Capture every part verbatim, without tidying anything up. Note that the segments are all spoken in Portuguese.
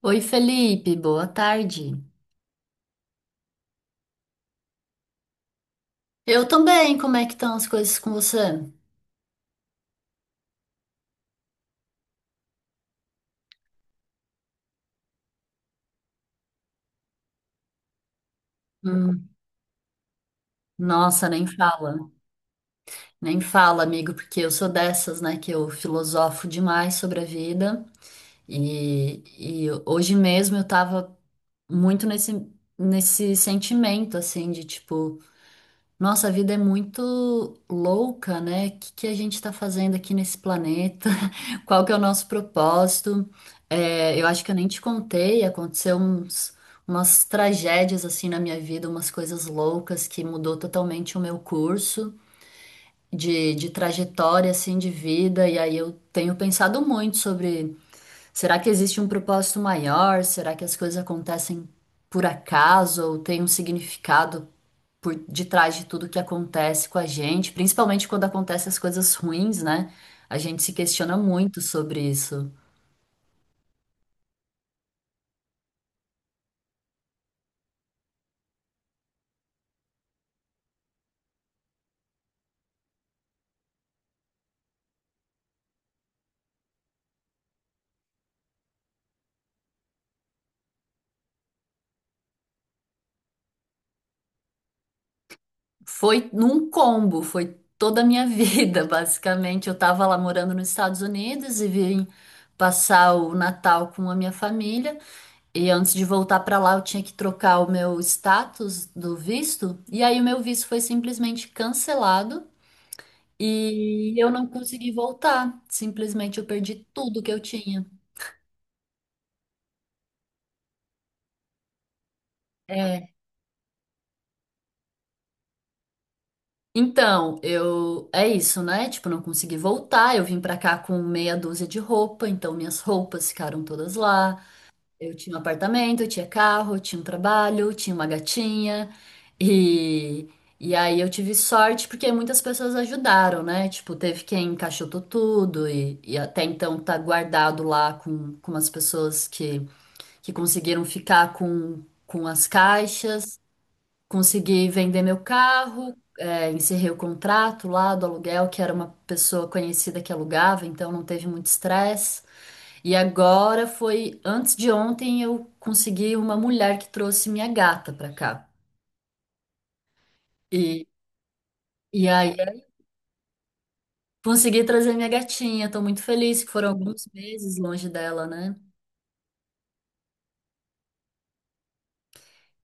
Oi, Felipe, boa tarde. Eu também, como é que estão as coisas com você? Hum, nossa, nem fala, nem fala, amigo, porque eu sou dessas, né, que eu filosofo demais sobre a vida e, e hoje mesmo eu tava muito nesse, nesse sentimento, assim, de tipo, nossa, a vida é muito louca, né? O que que a gente tá fazendo aqui nesse planeta? Qual que é o nosso propósito? É, eu acho que eu nem te contei, aconteceu uns, umas tragédias assim na minha vida, umas coisas loucas que mudou totalmente o meu curso de, de trajetória assim de vida. E aí eu tenho pensado muito sobre, será que existe um propósito maior? Será que as coisas acontecem por acaso ou tem um significado por detrás de tudo que acontece com a gente, principalmente quando acontecem as coisas ruins, né? A gente se questiona muito sobre isso. Foi num combo, foi toda a minha vida, basicamente. Eu tava lá morando nos Estados Unidos e vim passar o Natal com a minha família. E antes de voltar pra lá, eu tinha que trocar o meu status do visto. E aí o meu visto foi simplesmente cancelado e eu não consegui voltar. Simplesmente eu perdi tudo que eu tinha. É. Então, eu é isso, né? Tipo, não consegui voltar. Eu vim pra cá com meia dúzia de roupa, então minhas roupas ficaram todas lá. Eu tinha um apartamento, eu tinha carro, eu tinha um trabalho, eu tinha uma gatinha. E, e aí eu tive sorte porque muitas pessoas ajudaram, né? Tipo, teve quem encaixotou tudo e, e até então tá guardado lá com, com as pessoas que, que conseguiram ficar com, com as caixas. Consegui vender meu carro, é, encerrei o contrato lá do aluguel, que era uma pessoa conhecida que alugava, então não teve muito estresse. E agora foi antes de ontem eu consegui uma mulher que trouxe minha gata pra cá. E, e aí consegui trazer minha gatinha. Tô muito feliz que foram alguns meses longe dela, né?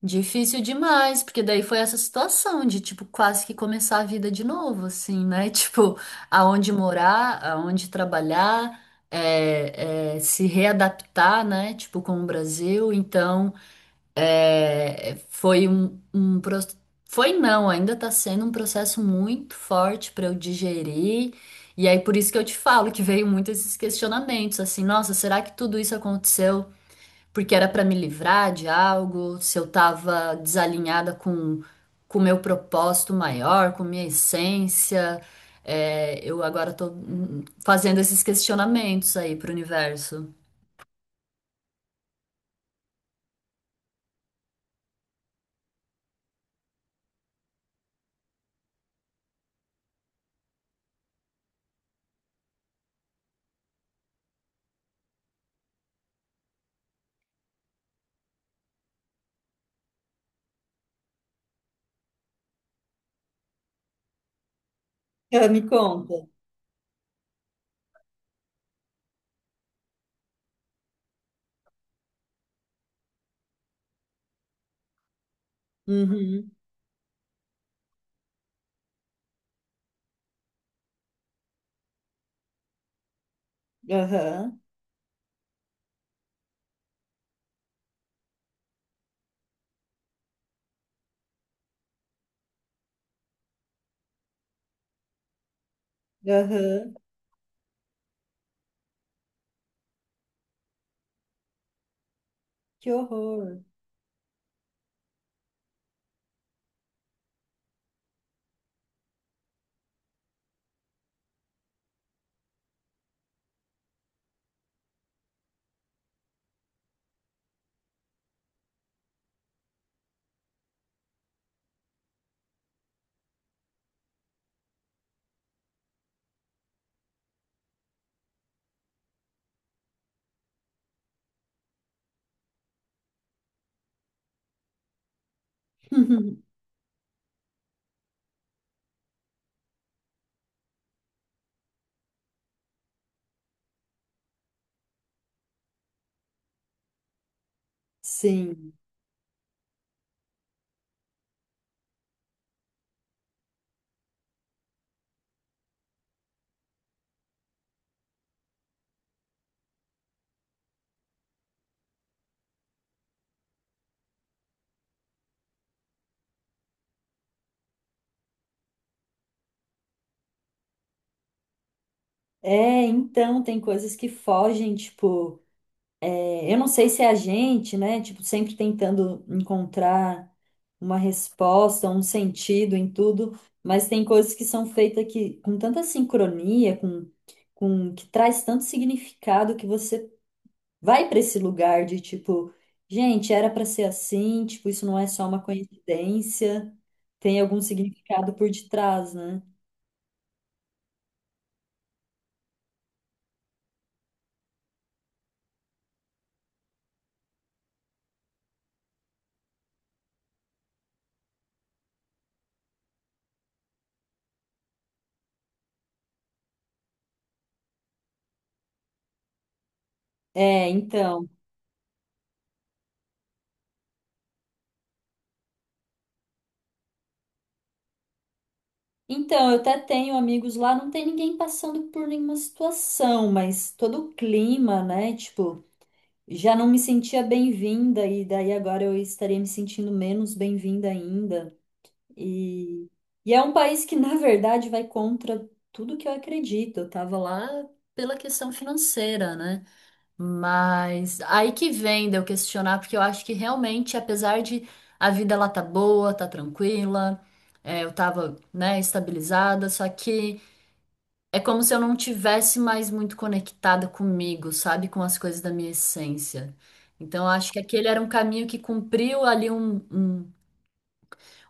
Difícil demais, porque daí foi essa situação de tipo quase que começar a vida de novo, assim, né? Tipo, aonde morar, aonde trabalhar, é, é, se readaptar, né? Tipo, com o Brasil. Então. É, foi um, um pro- foi não, ainda está sendo um processo muito forte para eu digerir. E aí por isso que eu te falo que veio muito esses questionamentos, assim, nossa, será que tudo isso aconteceu porque era para me livrar de algo? Se eu estava desalinhada com com o meu propósito maior, com minha essência? É, eu agora estou fazendo esses questionamentos aí para o universo. Ah, me conta. Uhum, aham, aham. Que horror. Sim. É, então, tem coisas que fogem, tipo, é, eu não sei se é a gente, né? Tipo, sempre tentando encontrar uma resposta, um sentido em tudo, mas tem coisas que são feitas que, com tanta sincronia, com, com que traz tanto significado que você vai para esse lugar de tipo, gente, era para ser assim, tipo, isso não é só uma coincidência, tem algum significado por detrás, né? É, então. Então, eu até tenho amigos lá, não tem ninguém passando por nenhuma situação, mas todo o clima, né? Tipo, já não me sentia bem-vinda, e daí agora eu estaria me sentindo menos bem-vinda ainda. E, e é um país que, na verdade, vai contra tudo que eu acredito. Eu tava lá pela questão financeira, né? Mas aí que vem de eu questionar, porque eu acho que realmente, apesar de a vida lá tá boa, tá tranquila, é, eu tava, né, estabilizada, só que é como se eu não tivesse mais muito conectada comigo, sabe, com as coisas da minha essência. Então, eu acho que aquele era um caminho que cumpriu ali um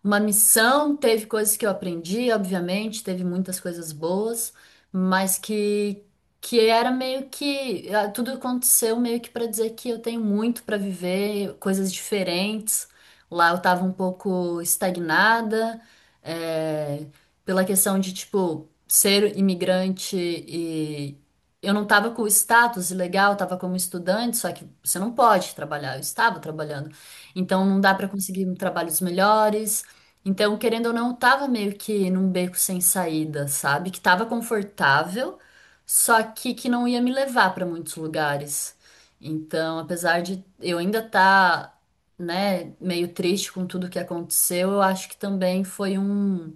uma missão, teve coisas que eu aprendi, obviamente, teve muitas coisas boas, mas que que era meio que ah, tudo aconteceu meio que para dizer que eu tenho muito para viver, coisas diferentes. Lá eu tava um pouco estagnada, é, pela questão de tipo ser imigrante e eu não tava com o status legal, eu tava como estudante, só que você não pode trabalhar, eu estava trabalhando. Então não dá para conseguir trabalhos melhores. Então, querendo ou não, eu tava meio que num beco sem saída, sabe? Que tava confortável, só que que não ia me levar pra muitos lugares. Então, apesar de eu ainda tá, né, meio triste com tudo que aconteceu, eu acho que também foi um,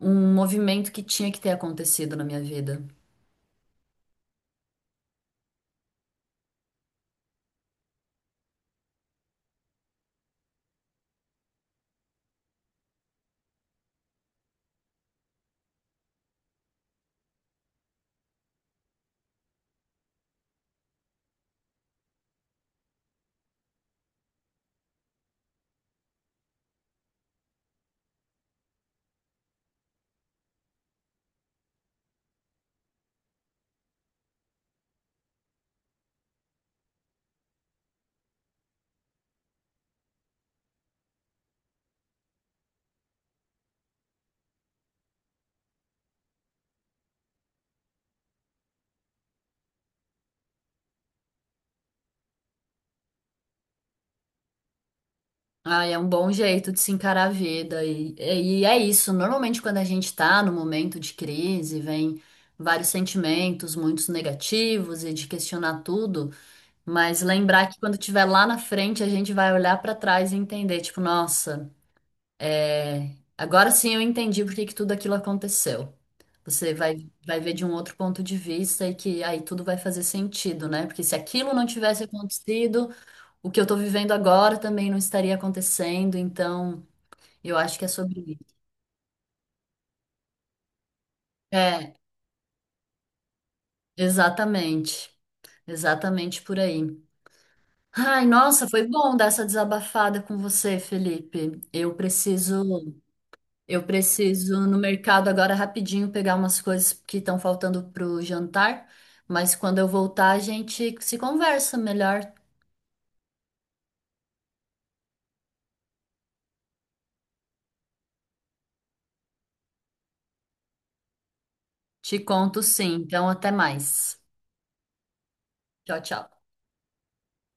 um movimento que tinha que ter acontecido na minha vida. Ah, é um bom jeito de se encarar a vida. E, e é isso. Normalmente, quando a gente está no momento de crise, vem vários sentimentos, muitos negativos e de questionar tudo. Mas lembrar que quando estiver lá na frente, a gente vai olhar para trás e entender, tipo, nossa, é, agora sim eu entendi por que que tudo aquilo aconteceu. Você vai, vai ver de um outro ponto de vista e que aí tudo vai fazer sentido, né? Porque se aquilo não tivesse acontecido o que eu tô vivendo agora também não estaria acontecendo, então eu acho que é sobre isso. É, exatamente. Exatamente por aí. Ai, nossa, foi bom dar essa desabafada com você, Felipe. Eu preciso, eu preciso no mercado agora rapidinho pegar umas coisas que estão faltando pro jantar, mas quando eu voltar a gente se conversa melhor. Te conto sim. Então, até mais. Tchau, tchau.